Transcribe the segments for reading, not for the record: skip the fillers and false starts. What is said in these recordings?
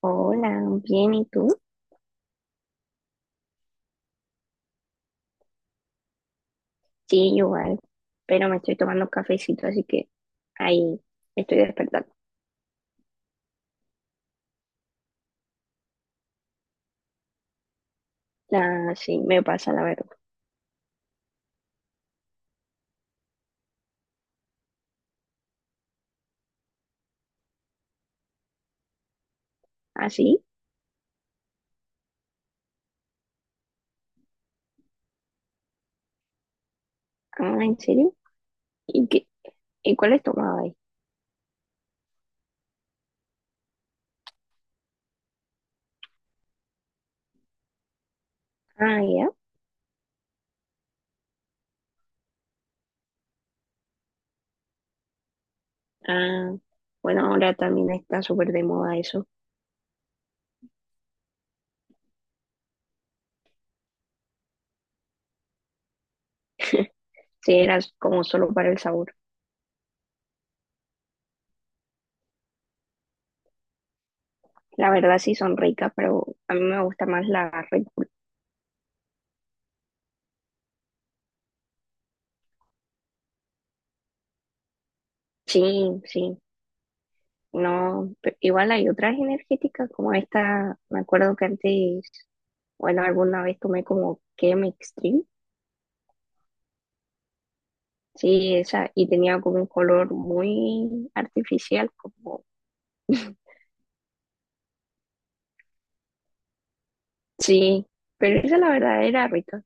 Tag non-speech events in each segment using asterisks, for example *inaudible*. Hola, bien, ¿y tú? Sí, igual, pero me estoy tomando cafecito, así que ahí estoy despertando. Ah, sí, me pasa la verdad. ¿Ah, sí? Ah, ¿en serio? ¿Y qué? ¿Y cuál es tomado ahí? Ah, ya. Ah, bueno, ahora también está súper de moda eso. Sí, era como solo para el sabor. La verdad sí son ricas, pero a mí me gusta más la Red Bull. Sí, sí. No, igual hay otras energéticas como esta, me acuerdo que antes bueno, alguna vez tomé como Chem Extreme. Sí, esa, y tenía como un color muy artificial, como, *laughs* sí, pero esa la verdad era rica.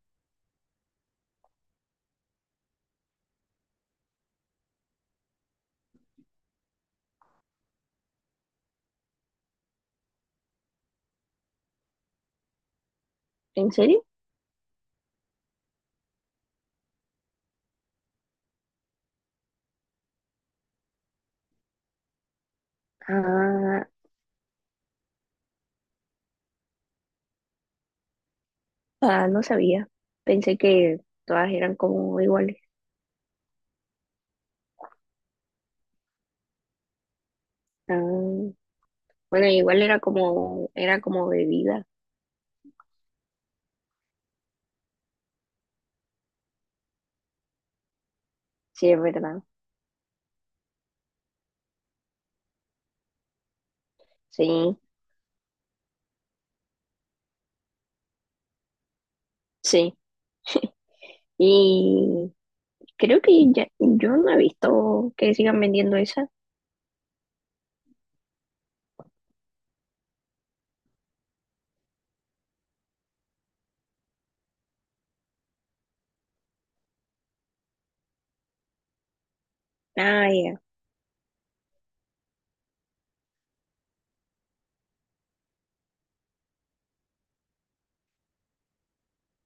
¿En serio? Ah, ah, no sabía. Pensé que todas eran como iguales. Ah, bueno, igual era como bebida. Sí, es verdad. Sí, sí. Y creo que ya, yo no he visto que sigan vendiendo esa. Ah, ya.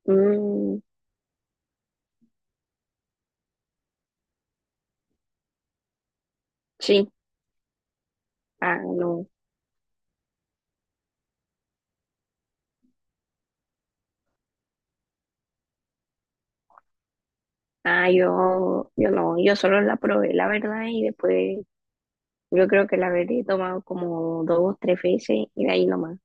Mm, sí. Ah, no. Ah, yo no, yo solo la probé, la verdad, y después yo creo que la habré tomado como dos o tres veces y de ahí nomás.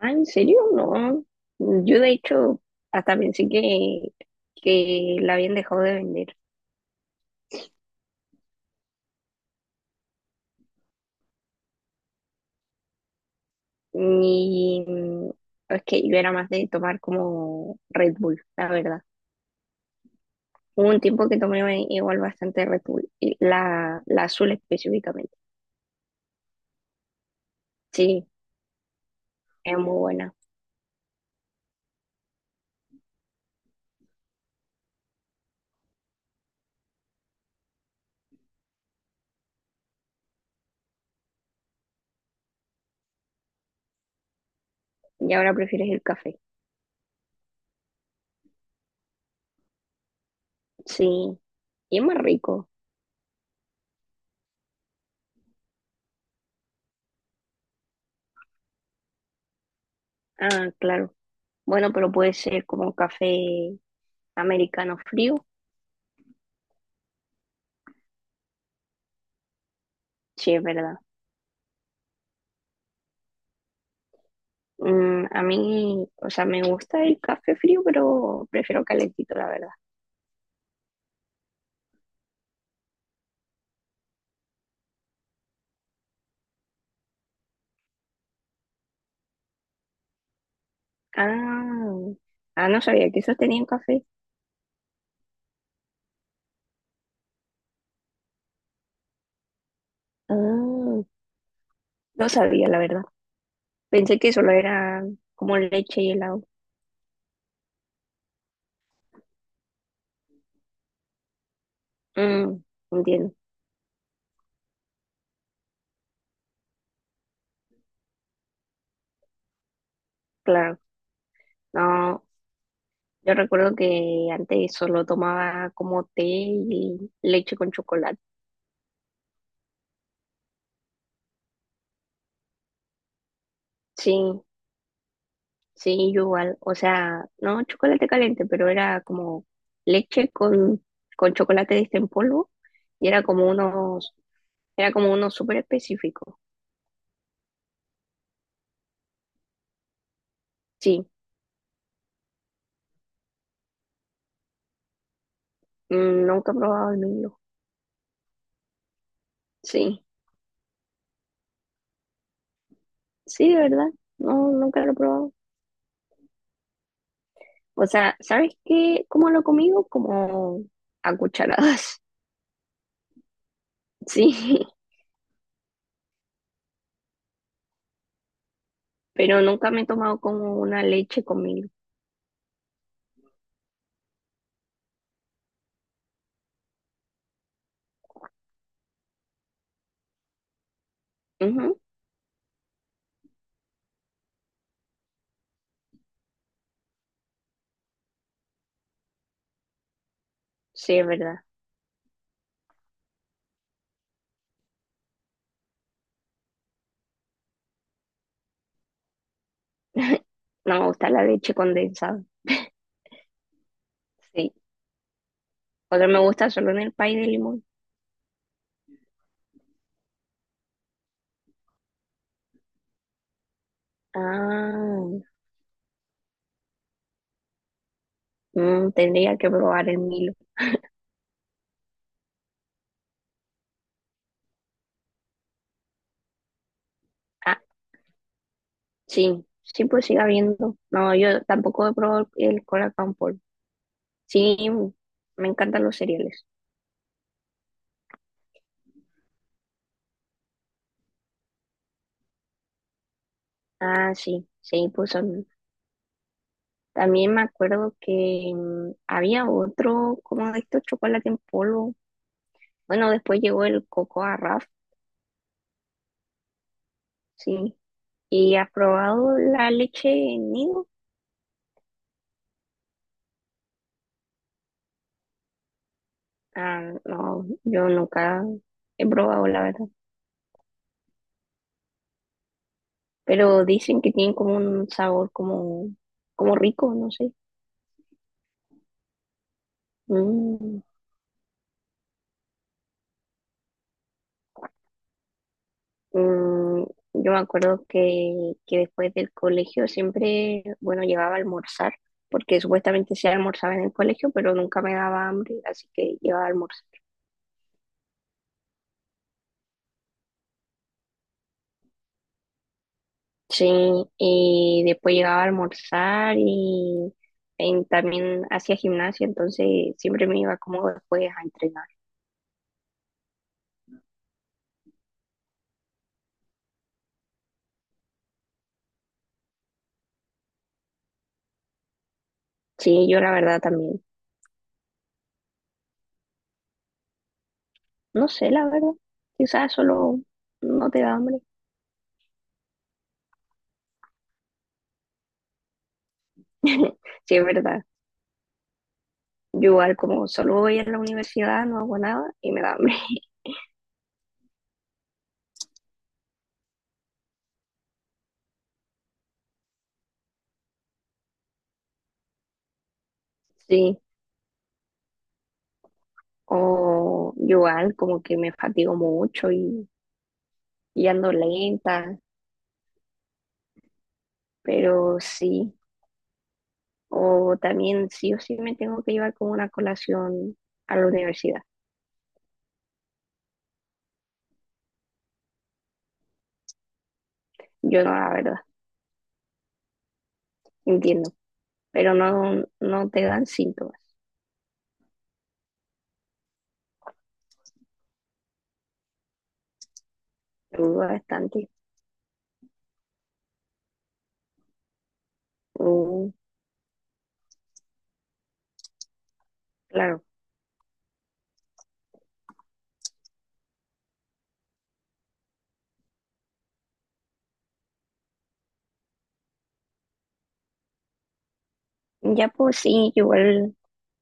Ah, ¿en serio? No. Yo de hecho hasta pensé que la habían dejado de vender. Y es que yo era más de tomar como Red Bull, la verdad. Hubo un tiempo que tomé igual bastante Red Bull, y la azul específicamente. Sí, es muy buena. Y ahora prefieres el café. Sí, y es más rico. Ah, claro. Bueno, pero puede ser como un café americano frío. Sí, es verdad. Mm, a mí, o sea, me gusta el café frío, pero prefiero calentito, la verdad. Ah, ah, no sabía que esos tenían café. Ah, no sabía, la verdad. Pensé que solo era como leche y helado. Mm, entiendo, claro. No, yo recuerdo que antes solo tomaba como té y leche con chocolate. Sí, sí, yo igual, o sea, no chocolate caliente, pero era como leche con chocolate de este en polvo y era como unos, era como uno súper específico. Sí, nunca he probado el Milo. Sí, sí, de verdad, no, nunca lo he probado. O sea, ¿sabes qué? ¿Cómo lo he comido? Como a cucharadas, *laughs* sí, pero nunca me he tomado como una leche con Milo. Ujú, sí, es verdad. *laughs* No me gusta la leche condensada. Sí. Otro me gusta solo en el pay de limón. Ah, tendría que probar el Milo. Ah, sí, sí, pues siga viendo. No, yo tampoco he probado el cola con polvo. Sí, me encantan los cereales. Ah, sí, sí, pues son. También me acuerdo que había otro, como de estos chocolate en polvo. Bueno, después llegó el coco a Raf, sí. ¿Y has probado la leche en nido? Ah, no, yo nunca he probado la verdad. Pero dicen que tienen como un sabor como, como rico, no sé. Mm, mm, yo me acuerdo que después del colegio siempre, bueno, llegaba a almorzar, porque supuestamente se almorzaba en el colegio, pero nunca me daba hambre, así que llegaba a almorzar. Sí, y después llegaba a almorzar y, también hacía gimnasia, entonces siempre me iba como después a entrenar. Sí, yo la verdad también, no sé, la verdad, quizás solo no te da hambre. *laughs* Sí, es verdad. Yo igual como solo voy a la universidad, no hago nada y me da hambre. *laughs* Sí. O yo igual como que me fatigo mucho y ando lenta, pero sí. O también sí o sí me tengo que llevar como una colación a la universidad. Yo no, la verdad, entiendo. Pero no, no te dan síntomas. Me duda bastante. Mm, claro. Ya pues sí, igual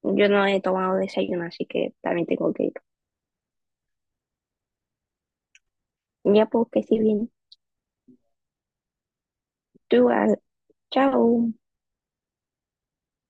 yo no he tomado desayuno, así que también tengo que ir. Ya pues que sí bien. Tú, chao.